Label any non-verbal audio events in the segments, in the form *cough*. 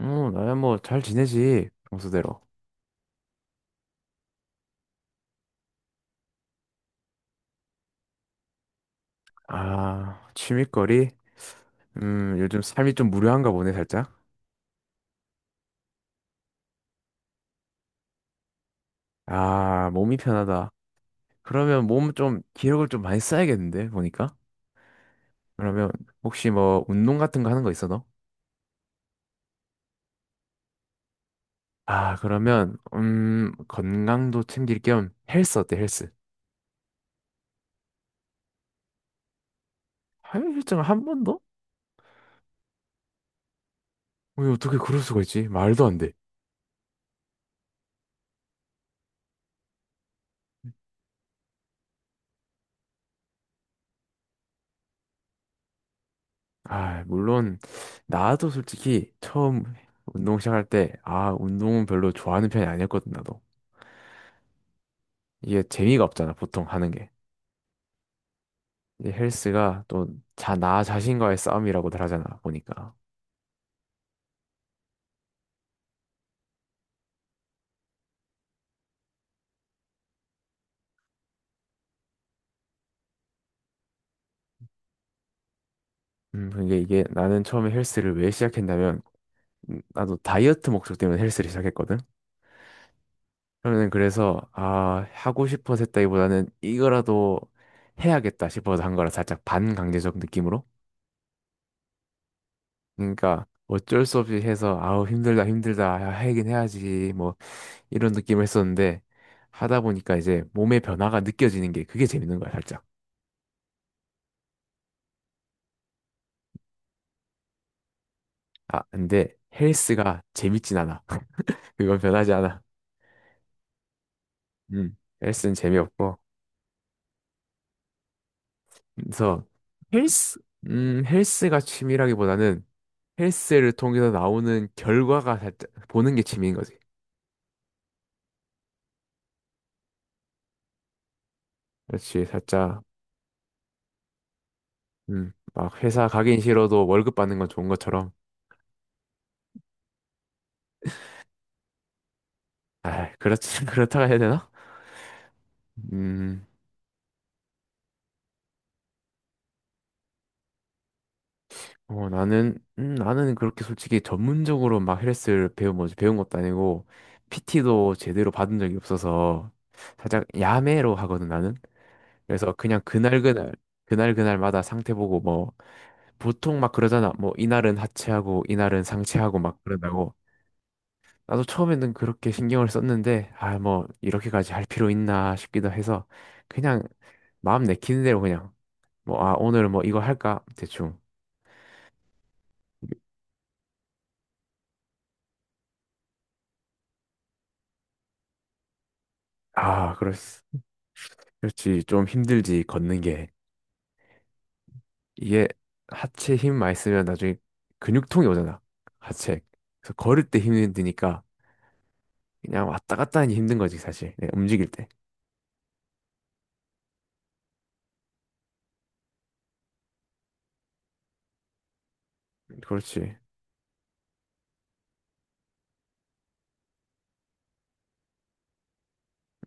어, 나야 뭐 잘 지내지, 평소대로. 아, 취미거리? 요즘 삶이 좀 무료한가 보네, 살짝. 아, 몸이 편하다. 그러면 몸 좀, 기력을 좀 많이 써야겠는데, 보니까. 그러면 혹시 뭐 운동 같은 거 하는 거 있어, 너? 아, 그러면, 건강도 챙길 겸 헬스 어때, 헬스? 헬스장 한 번도? 왜 어떻게 그럴 수가 있지? 말도 안 돼. 아, 물론 나도 솔직히 처음 운동 시작할 때 아, 운동은 별로 좋아하는 편이 아니었거든 나도. 이게 재미가 없잖아, 보통 하는 게. 이제 헬스가 또 자, 나 자신과의 싸움이라고들 하잖아, 보니까. 근데 이게 나는 처음에 헬스를 왜 시작했냐면 나도 다이어트 목적 때문에 헬스를 시작했거든. 그러면 그래서 아, 하고 싶어서 했다기보다는 이거라도 해야겠다 싶어서 한 거라 살짝 반강제적 느낌으로 그러니까 어쩔 수 없이 해서 아우 힘들다 힘들다 야, 하긴 해야지 뭐 이런 느낌을 했었는데 하다 보니까 이제 몸의 변화가 느껴지는 게 그게 재밌는 거야 살짝. 아 근데 헬스가 재밌진 않아. *laughs* 그건 변하지 않아. 음 헬스는 재미없고 그래서 헬스 헬스가 취미라기보다는 헬스를 통해서 나오는 결과가 살짝 보는 게 취미인 거지. 그렇지 살짝 음막 회사 가긴 싫어도 월급 받는 건 좋은 것처럼. 아 그렇지 *laughs* 그렇다고 해야 되나? 음, 나는 그렇게 솔직히 전문적으로 막 헬스를 배운, 뭐지, 배운 것도 아니고, PT도 제대로 받은 적이 없어서, 살짝 야매로 하거든, 나는. 그래서 그냥 그날그날마다 상태 보고, 뭐, 보통 막 그러잖아. 뭐, 이날은 하체하고, 이날은 상체하고 막 그런다고. 나도 처음에는 그렇게 신경을 썼는데, 아, 뭐, 이렇게까지 할 필요 있나 싶기도 해서, 그냥 마음 내키는 대로 그냥, 뭐, 아, 오늘 뭐 이거 할까? 대충. 아, 그랬어. 그렇지. 좀 힘들지, 걷는 게. 이게 하체 힘 많이 쓰면 나중에 근육통이 오잖아. 하체. 그래서 걸을 때 힘드니까 그냥 왔다 갔다 하니 힘든 거지, 사실. 네, 움직일 때. 그렇지.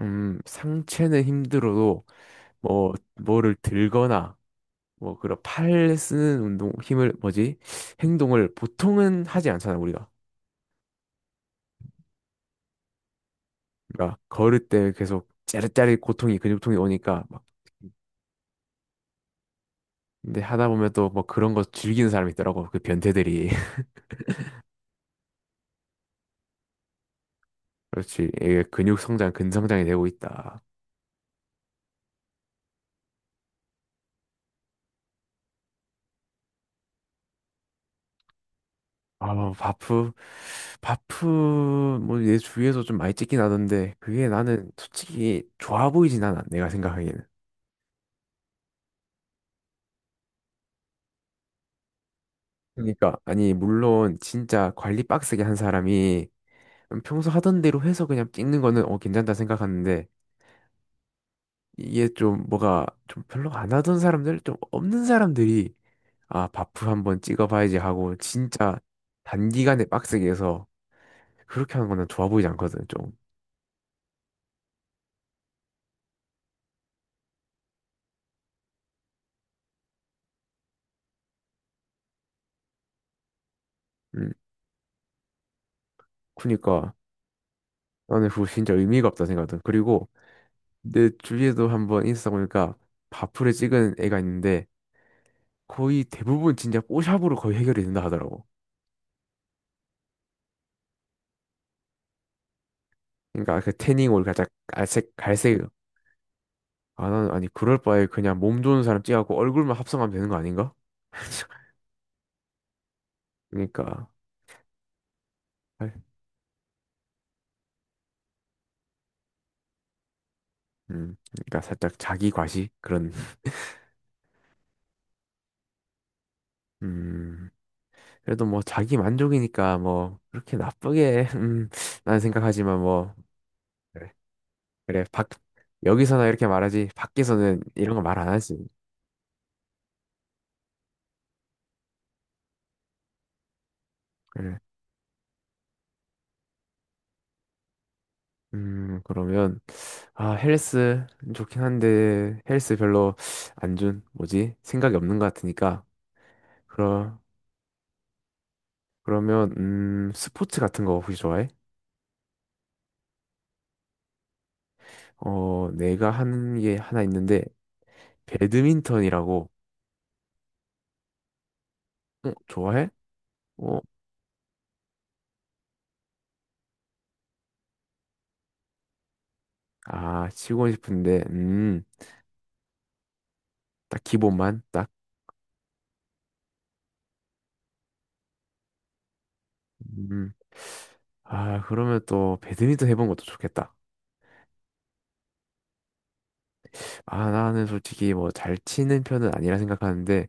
상체는 힘들어도 뭐, 뭐를 들거나 뭐, 그런 팔 쓰는 운동, 힘을, 뭐지? 행동을 보통은 하지 않잖아, 우리가. 그러니까 걸을 때 계속 짜릿짜릿 고통이, 근육통이 오니까 막 근데 하다 보면 또 뭐 그런 거 즐기는 사람이 있더라고. 그 변태들이. 그렇지. 이게 근육 성장, 근성장이 되고 있다. 아, 뭐 바프, 뭐, 내 주위에서 좀 많이 찍긴 하던데, 그게 나는 솔직히 좋아 보이진 않아, 내가 생각하기에는. 그러니까, 아니, 물론, 진짜 관리 빡세게 한 사람이 평소 하던 대로 해서 그냥 찍는 거는, 어, 괜찮다 생각하는데, 이게 좀 뭐가 좀 별로 안 하던 사람들, 좀 없는 사람들이, 아, 바프 한번 찍어봐야지 하고, 진짜 단기간에 빡세게 해서, 그렇게 하는 거는 좋아 보이지 않거든, 좀. 음. 그니까 나는 그거 진짜 의미가 없다 생각하거든. 그리고 내 주위에도 한번 인스타 보니까 바프를 찍은 애가 있는데 거의 대부분 진짜 뽀샵으로 거의 해결이 된다 하더라고. 그러니까 그 태닝 올 살짝 갈색 갈색 아 나는 아니 그럴 바에 그냥 몸 좋은 사람 찍어갖고 얼굴만 합성하면 되는 거 아닌가? *laughs* 그러니까 살- 살짝 자기 과시 그런 음 그래도 뭐 자기 만족이니까 뭐 그렇게 나쁘게 *laughs* 나는 생각하지만 뭐 네. 그래, 여기서나 이렇게 말하지, 밖에서는 이런 거 말 안 하지. 그래. 그러면, 아, 헬스 좋긴 한데, 헬스 별로 안 준, 뭐지? 생각이 없는 것 같으니까. 그러, 그러면, 스포츠 같은 거 혹시 좋아해? 어, 내가 하는 게 하나 있는데, 배드민턴이라고, 어, 좋아해? 어, 아, 치고 싶은데, 딱 기본만, 딱. 음, 아, 그러면 또 배드민턴 해본 것도 좋겠다. 아, 나는 솔직히 뭐 잘 치는 편은 아니라 생각하는데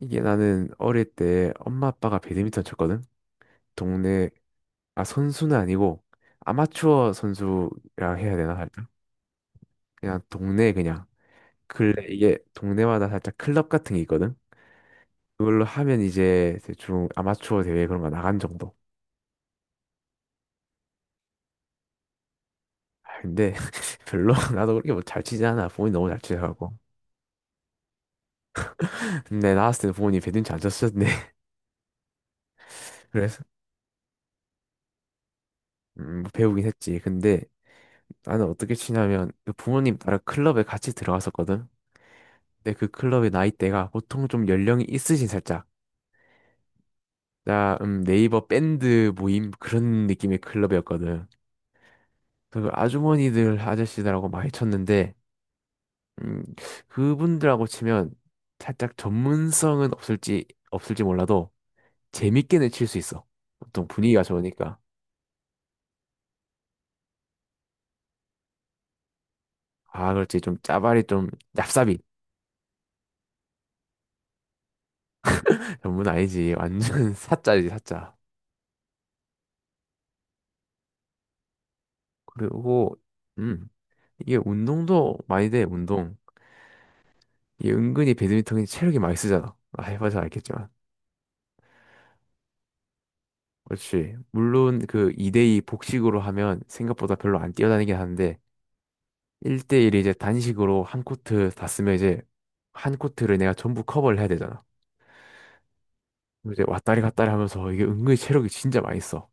이게 나는 어릴 때 엄마 아빠가 배드민턴 쳤거든? 동네 아 선수는 아니고 아마추어 선수라 해야 되나 살짝? 그냥 동네 그냥 근래 이게 동네마다 살짝 클럽 같은 게 있거든? 그걸로 하면 이제 대충 아마추어 대회 그런 거 나간 정도. 아, 근데 *laughs* 별로 나도 그렇게 뭐 잘 치지 않아. 부모님 너무 잘 치셔가고. 근데 나왔을 때 부모님 배드민턴 안 쳤었는데 *laughs* 그래서 뭐 배우긴 했지. 근데 나는 어떻게 치냐면 그 부모님 따라 클럽에 같이 들어갔었거든. 근데 그 클럽의 나이대가 보통 좀 연령이 있으신 살짝. 자, 네이버 밴드 모임 그런 느낌의 클럽이었거든. 그 아주머니들 아저씨들하고 많이 쳤는데 음, 그분들하고 치면 살짝 전문성은 없을지 몰라도 재밌게는 칠 수 있어. 보통 분위기가 좋으니까. 아, 그렇지. 좀 짜발이 좀 얍삽이. *laughs* 전문 아니지. 완전 *laughs* 사짜지, 사짜. 그리고 음 이게 운동도 많이 돼 운동 이게 은근히 배드민턴이 체력이 많이 쓰잖아 아, 해봐서 알겠지만 그렇지 물론 그 2대2 복식으로 하면 생각보다 별로 안 뛰어다니긴 하는데 1대1 이제 단식으로 한 코트 다 쓰면 이제 한 코트를 내가 전부 커버를 해야 되잖아 그럼 이제 왔다리 갔다리 하면서 이게 은근히 체력이 진짜 많이 써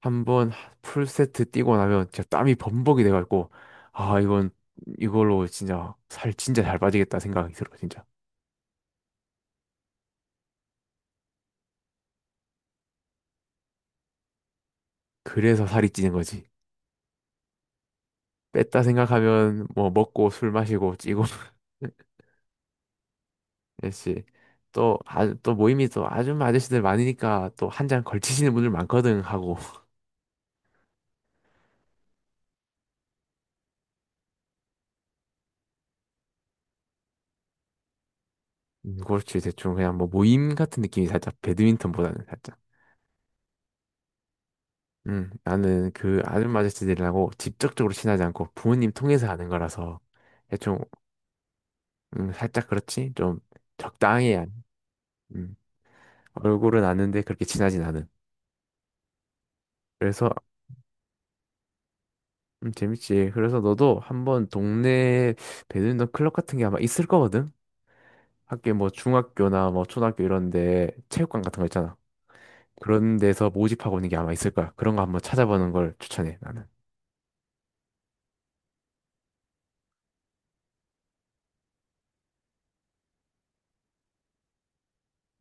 한번 풀세트 뛰고 나면 진짜 땀이 범벅이 돼가지고 아 이건 이걸로 진짜 살 진짜 잘 빠지겠다 생각이 들어 진짜 그래서 살이 찌는 거지. 뺐다 생각하면 뭐 먹고 술 마시고 찌고. *laughs* 역시 또, 아, 또 모임이 또 아줌마 아저씨들 많으니까 또 한 잔 걸치시는 분들 많거든 하고. *laughs* 그렇지 대충 그냥 뭐 모임 같은 느낌이 살짝 배드민턴보다는 살짝. 나는 그 아줌마 아저씨들이라고 직접적으로 친하지 않고 부모님 통해서 아는 거라서 대충 살짝 그렇지 좀 적당해야. 음, 얼굴은 아는데 그렇게 친하진 않은. 그래서 재밌지. 그래서 너도 한번 동네 배드민턴 클럽 같은 게 아마 있을 거거든? 학교 뭐 중학교나 뭐 초등학교 이런 데 체육관 같은 거 있잖아. 그런 데서 모집하고 있는 게 아마 있을 거야. 그런 거 한번 찾아보는 걸 추천해, 나는.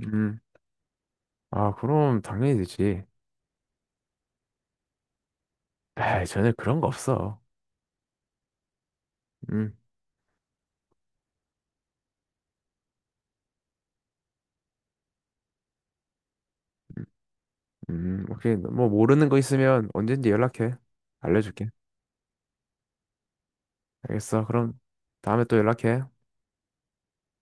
음. 아, 그럼 당연히 되지. 에이, 전에 그런 거 없어. 음. 음, 오케이. 뭐 모르는 거 있으면 언제든지 연락해. 알려줄게. 알겠어. 그럼 다음에 또 연락해.